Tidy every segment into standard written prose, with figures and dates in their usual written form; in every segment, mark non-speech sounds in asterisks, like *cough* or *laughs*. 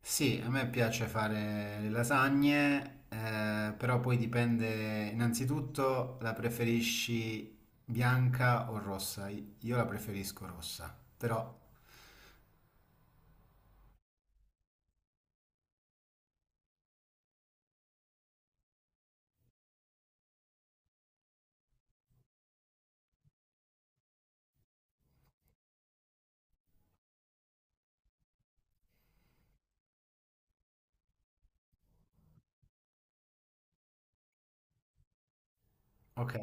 Sì, a me piace fare le lasagne, però poi dipende innanzitutto la preferisci bianca o rossa. Io la preferisco rossa, però ok.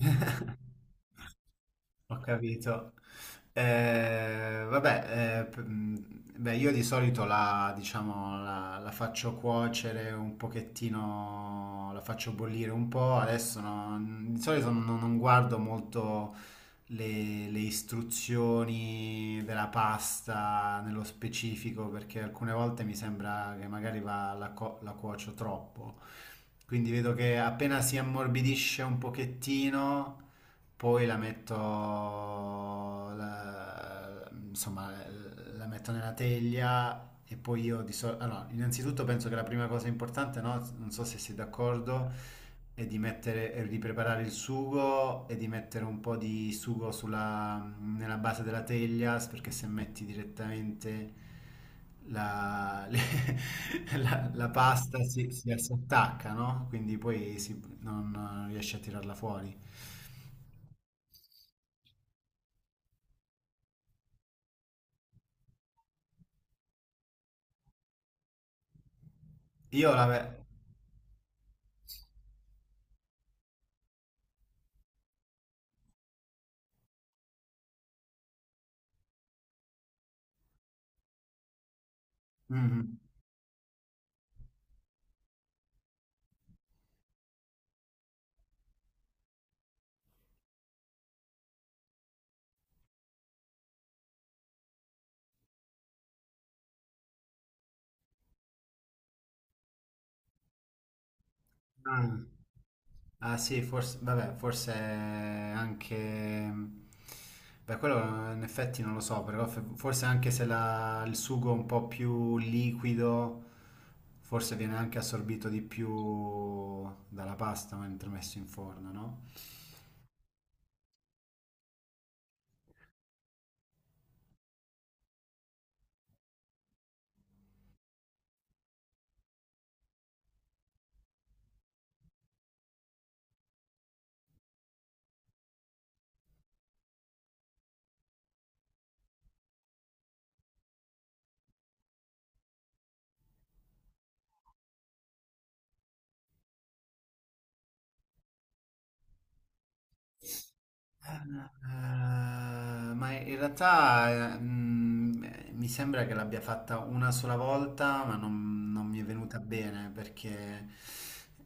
*laughs* Ho capito. Io di solito la faccio cuocere un pochettino, la faccio bollire un po', adesso non- di solito non guardo molto le istruzioni della pasta nello specifico, perché alcune volte mi sembra che magari va- la, co- la cuocio troppo. Quindi vedo che appena si ammorbidisce un pochettino, poi la metto, la- insomma, la metto nella teglia e poi io di solito... Allora, innanzitutto penso che la prima cosa importante, no? Non so se sei d'accordo e di mettere, e di preparare il sugo e di mettere un po' di sugo nella base della teglia, perché se metti direttamente la, le- *laughs* la pasta si attacca, no? Quindi poi si- non, non riesci a tirarla fuori. Io la... ve- Mhm. Ah. Ah sì, forse, vabbè, forse anche... Beh, quello in effetti non lo so, però forse anche se la- il sugo è un po' più liquido, forse viene anche assorbito di più dalla pasta mentre messo in forno, no? Ah, ma in realtà mi sembra che l'abbia fatta una sola volta, ma non mi è venuta bene perché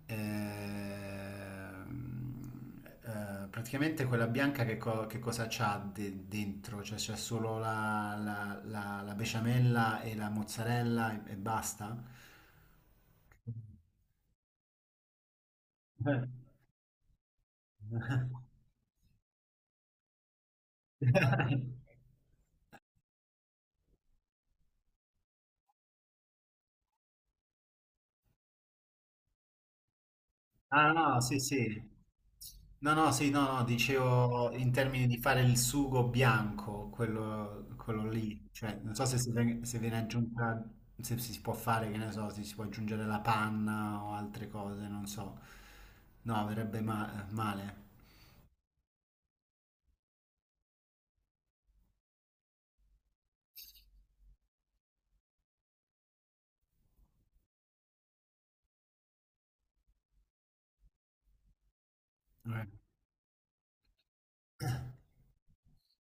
praticamente quella bianca che cosa dentro? Cioè c'è solo la besciamella e la mozzarella e basta? *laughs* Eh. Ah no, sì, sì. No, no, sì, no, no, dicevo in termini di fare il sugo bianco, quello lì, cioè non so se, se viene aggiunta, se si può fare, che ne so, se si può aggiungere la panna o altre cose, non so. No, male. Eh. *clears throat*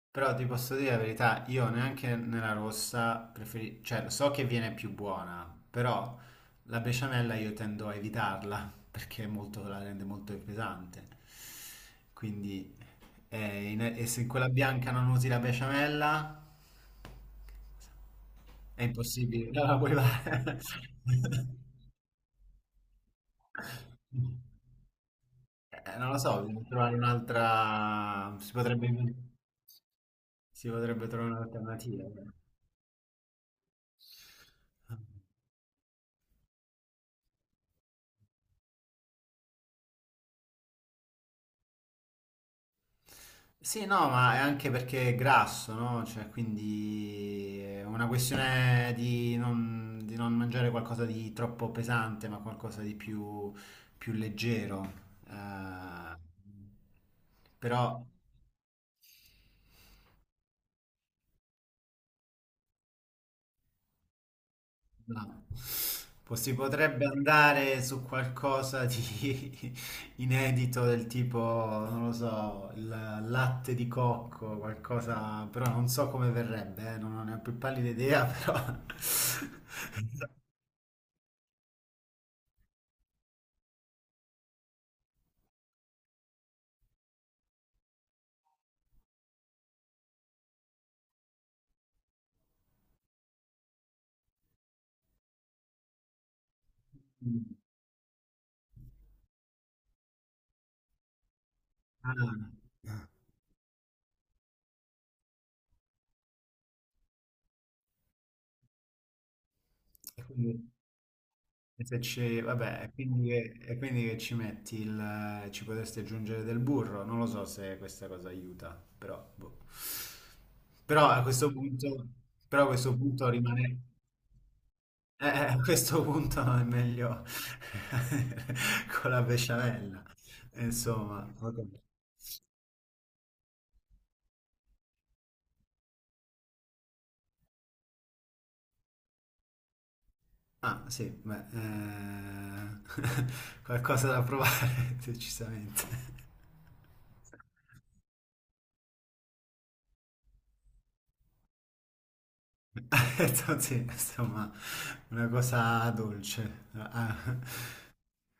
Però ti posso dire la verità, io neanche nella rossa preferisco, cioè so che viene più buona, però la besciamella io tendo a evitarla *laughs* perché la rende molto pesante. Quindi e se in quella bianca non usi la besciamella, è impossibile. No, la puoi fare. *laughs* Non lo so, bisogna trovare un'altra... si potrebbe trovare un'alternativa. Sì, no, ma è anche perché è grasso, no? Cioè, quindi è una questione di non mangiare qualcosa di troppo pesante, ma qualcosa di più, più leggero. Eh, però. No. Si potrebbe andare su qualcosa di *laughs* inedito del tipo, non lo so, il latte di cocco, qualcosa, però non so come verrebbe, non ho ne ho più pallida idea, però... *laughs* Ah, e quindi- e se ci, vabbè, e quindi che ci metti il, ci potresti aggiungere del burro? Non lo so se questa cosa aiuta, però, boh. Però a questo punto, però a questo punto rimane, a questo punto è meglio *laughs* con la besciamella, insomma. Ok. Ah, sì, beh, *laughs* qualcosa da provare, *laughs* decisamente. Certo, *laughs* sì, insomma, una cosa dolce. Ah.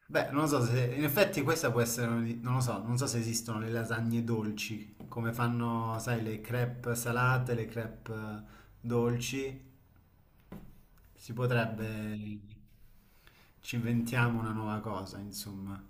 Beh, non lo so se, in effetti questa può essere, non lo so, non so se esistono le lasagne dolci, come fanno, sai, le crepe salate, le crepe dolci. Si potrebbe, ci inventiamo una nuova cosa, insomma.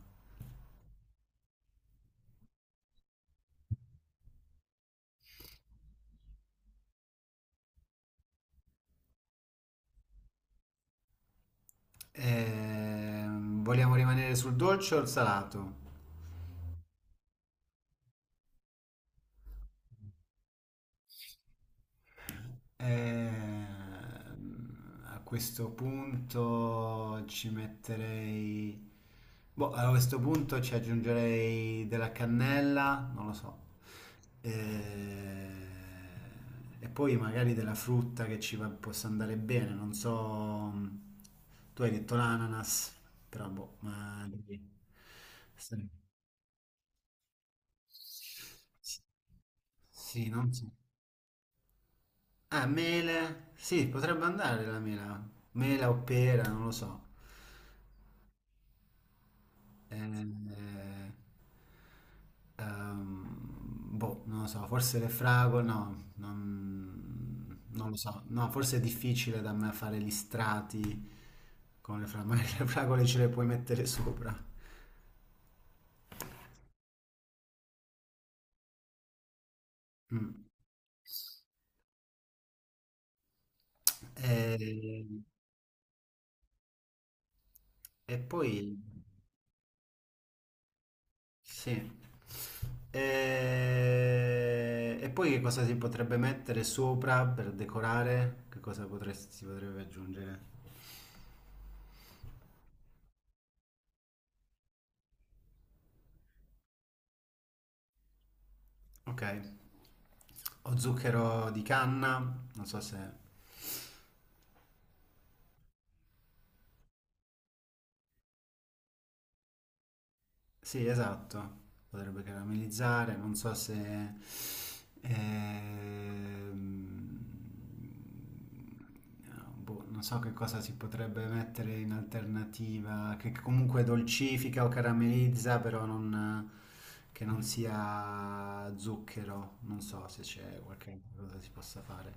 Vogliamo rimanere sul dolce o il salato? A questo punto ci metterei... Boh, a questo punto ci aggiungerei della cannella, non lo so. Eh, E poi magari della frutta possa andare bene, non so... Tu hai detto l'ananas, però boh, ma... Sì, sì, non so. Ah, mele. Sì, potrebbe andare la mela. Mela o pera, non lo so. Eh, eh, ehm, boh, non lo so, forse le fragole, no, non lo so. No, forse è difficile da me fare gli strati con le fragole. *laughs* Magari le fragole ce le puoi mettere sopra. Mm. Eh, e, poi... Sì. E poi che cosa si potrebbe mettere sopra per decorare? Si potrebbe aggiungere? Ok, o zucchero di canna, non so se... Sì, esatto, potrebbe caramellizzare, non so se... ehm, boh, non so che cosa si potrebbe mettere in alternativa, che comunque dolcifica o caramellizza, però non, che non sia zucchero, non so se c'è qualche cosa si possa fare.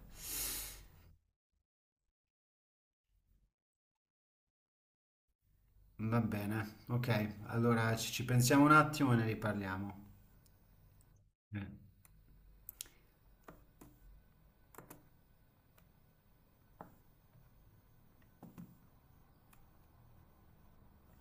Va bene, ok, allora ci pensiamo un attimo e ne riparliamo. Eh.